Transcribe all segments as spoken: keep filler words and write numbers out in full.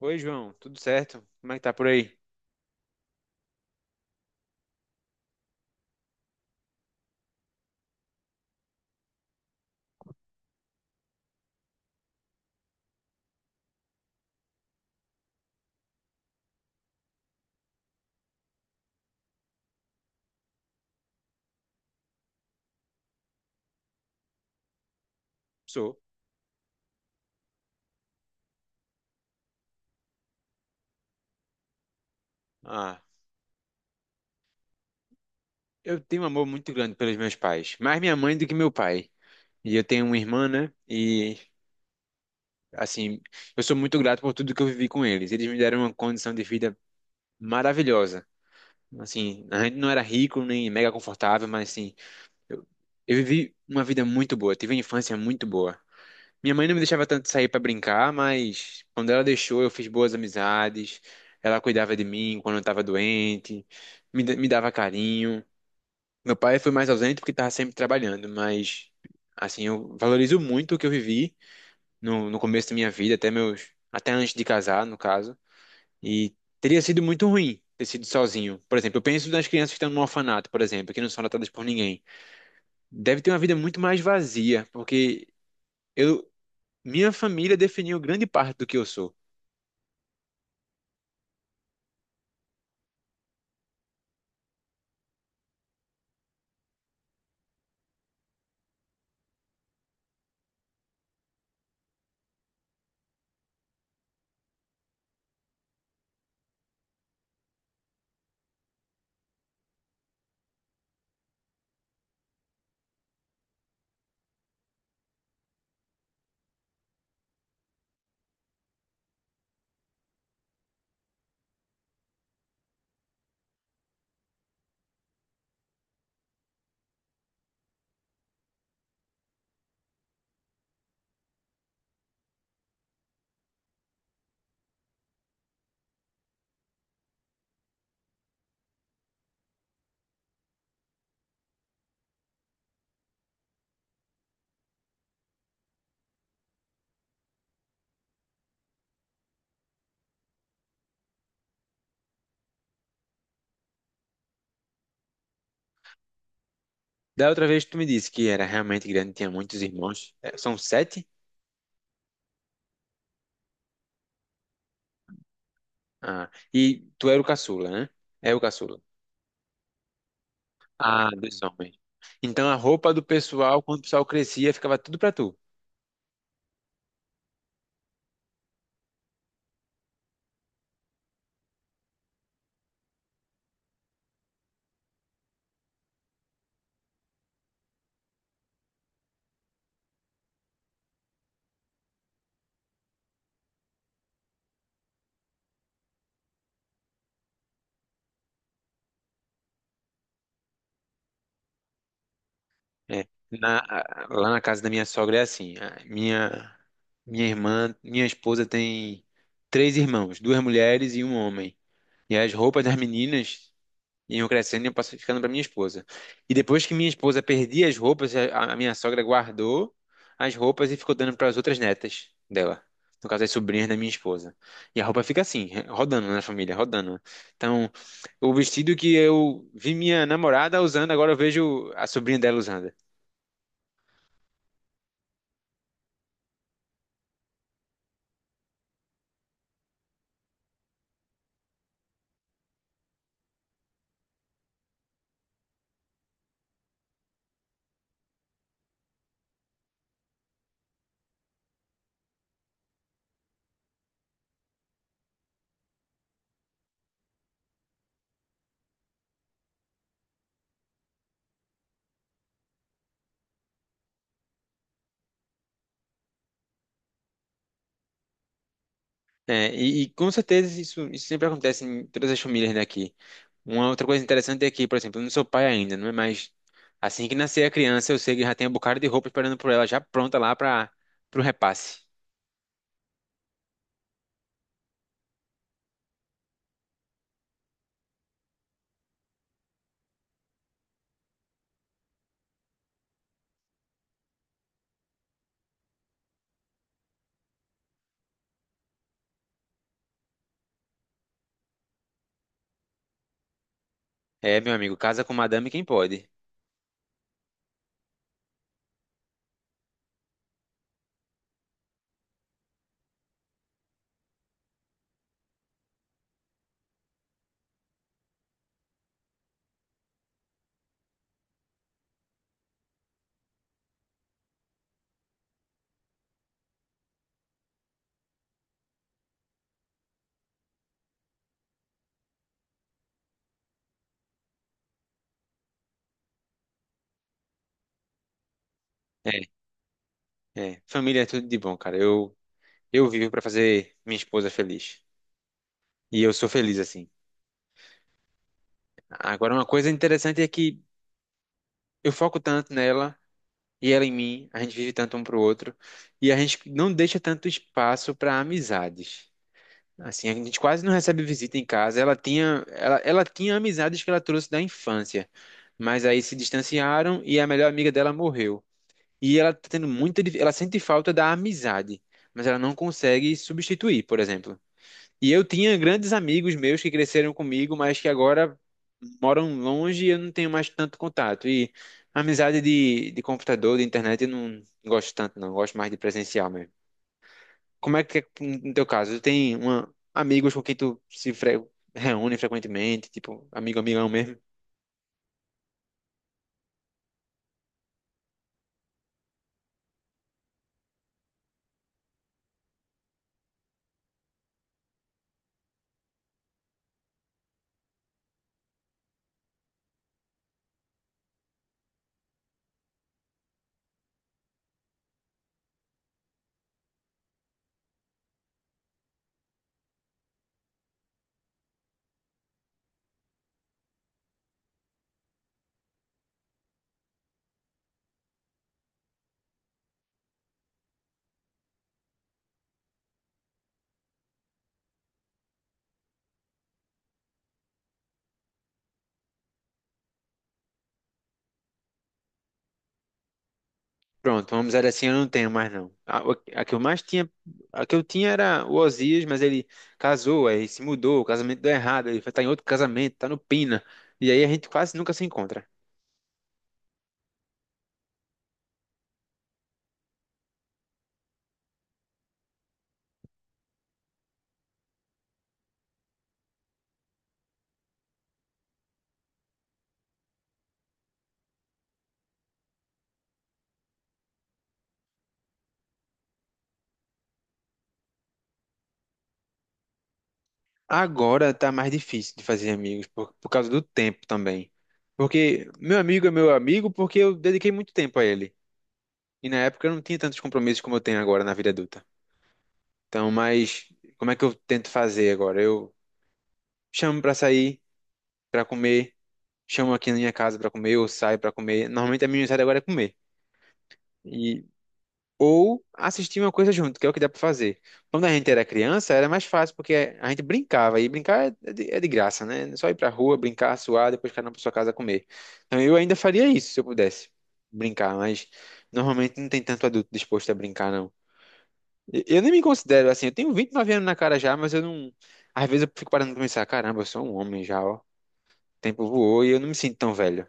Oi, João, tudo certo? Como é que tá por aí? Sou. Ah, eu tenho um amor muito grande pelos meus pais, mais minha mãe do que meu pai. E eu tenho uma irmã, né? E, assim, eu sou muito grato por tudo que eu vivi com eles. Eles me deram uma condição de vida maravilhosa. Assim, a gente não era rico nem mega confortável, mas, assim, eu, eu vivi uma vida muito boa, tive uma infância muito boa. Minha mãe não me deixava tanto sair pra brincar, mas quando ela deixou, eu fiz boas amizades. Ela cuidava de mim quando eu tava doente, me, da- me dava carinho. Meu pai foi mais ausente porque tava sempre trabalhando, mas assim, eu valorizo muito o que eu vivi no, no começo da minha vida, até meus, até antes de casar, no caso. E teria sido muito ruim ter sido sozinho. Por exemplo, eu penso nas crianças que estão no orfanato, por exemplo, que não são tratadas por ninguém. Deve ter uma vida muito mais vazia, porque eu minha família definiu grande parte do que eu sou. Da outra vez tu me disse que era realmente grande, tinha muitos irmãos. É, são sete? Ah, e tu era o caçula, né? É o caçula. Ah, dois homens. Então a roupa do pessoal, quando o pessoal crescia, ficava tudo pra tu. É. Na- a- lá na casa da minha sogra é assim. a minha, minha irmã, minha esposa tem três irmãos, duas mulheres e um homem. E as roupas das meninas iam crescendo e iam pass- ficando para minha esposa. E depois que minha esposa perdia as roupas, a, a minha sogra guardou as roupas e ficou dando para as outras netas dela. No caso, as sobrinhas da minha esposa. E a roupa fica assim, rodando na família, rodando. Então, o vestido que eu vi minha namorada usando, agora eu vejo a sobrinha dela usando. É, e, e com certeza isso, isso sempre acontece em todas as famílias daqui. Uma outra coisa interessante é que, por exemplo, eu não sou pai ainda, não é? Mas assim que nascer a criança, eu sei que já tem um bocado de roupa esperando por ela, já pronta lá para o repasse. É, meu amigo, casa com madame quem pode. É, é. Família é tudo de bom, cara. Eu, eu vivo para fazer minha esposa feliz. E eu sou feliz assim. Agora, uma coisa interessante é que eu foco tanto nela e ela em mim, a gente vive tanto um pro outro, e a gente não deixa tanto espaço para amizades. Assim, a gente quase não recebe visita em casa. Ela tinha, ela, ela tinha amizades que ela trouxe da infância, mas aí se distanciaram e a melhor amiga dela morreu. E ela tá tendo muita, dif- ela sente falta da amizade, mas ela não consegue substituir, por exemplo. E eu tinha grandes amigos meus que cresceram comigo, mas que agora moram longe e eu não tenho mais tanto contato. E amizade de, de computador, de internet, eu não gosto tanto, não. Eu gosto mais de presencial mesmo. Como é que é no teu caso? Tu tem uma, amigos com quem tu se fre- reúne frequentemente, tipo, amigo, amigão mesmo? Pronto, vamos dizer assim, eu não tenho mais não. A, o- a que eu mais tinha, A que eu tinha era o Osias, mas ele casou, aí se mudou, o casamento deu errado, ele foi tá em outro casamento, tá no Pina. E aí a gente quase nunca se encontra. Agora tá mais difícil de fazer amigos, por, por causa do tempo também. Porque meu amigo é meu amigo porque eu dediquei muito tempo a ele. E na época eu não tinha tantos compromissos como eu tenho agora na vida adulta. Então, mas como é que eu tento fazer agora? Eu chamo pra sair, pra comer, chamo aqui na minha casa pra comer, ou saio pra comer. Normalmente a minha saída agora é comer. E ou assistir uma coisa junto, que é o que dá pra fazer. Quando a gente era criança, era mais fácil porque a gente brincava e brincar é de, é de graça, né? É só ir pra rua, brincar, suar, depois cada um pra sua casa comer. Então, eu ainda faria isso se eu pudesse brincar, mas normalmente não tem tanto adulto disposto a brincar, não. Eu nem me considero assim. Eu tenho vinte e nove anos na cara já, mas eu não. Às vezes eu fico parando pra pensar: caramba, eu sou um homem já, ó. O tempo voou e eu não me sinto tão velho.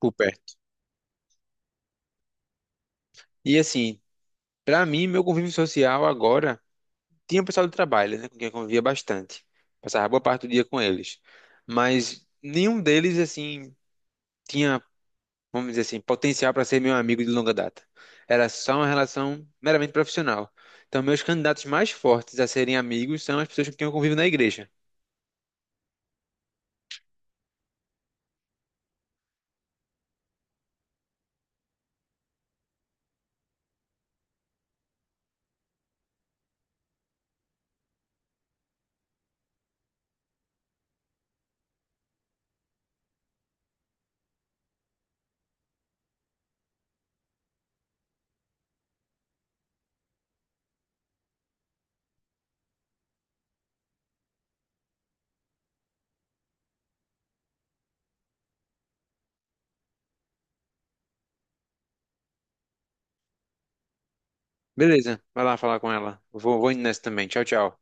Por perto. E assim, pra mim, meu convívio social agora. Tinha o pessoal do trabalho, né? Com quem eu convivia bastante. Passava boa parte do dia com eles. Mas nenhum deles, assim, tinha, vamos dizer assim, potencial para ser meu amigo de longa data. Era só uma relação meramente profissional. Então, meus candidatos mais fortes a serem amigos são as pessoas com quem eu convivo na igreja. Beleza, vai lá falar com ela. Eu vou, vou indo nessa também. Tchau, tchau.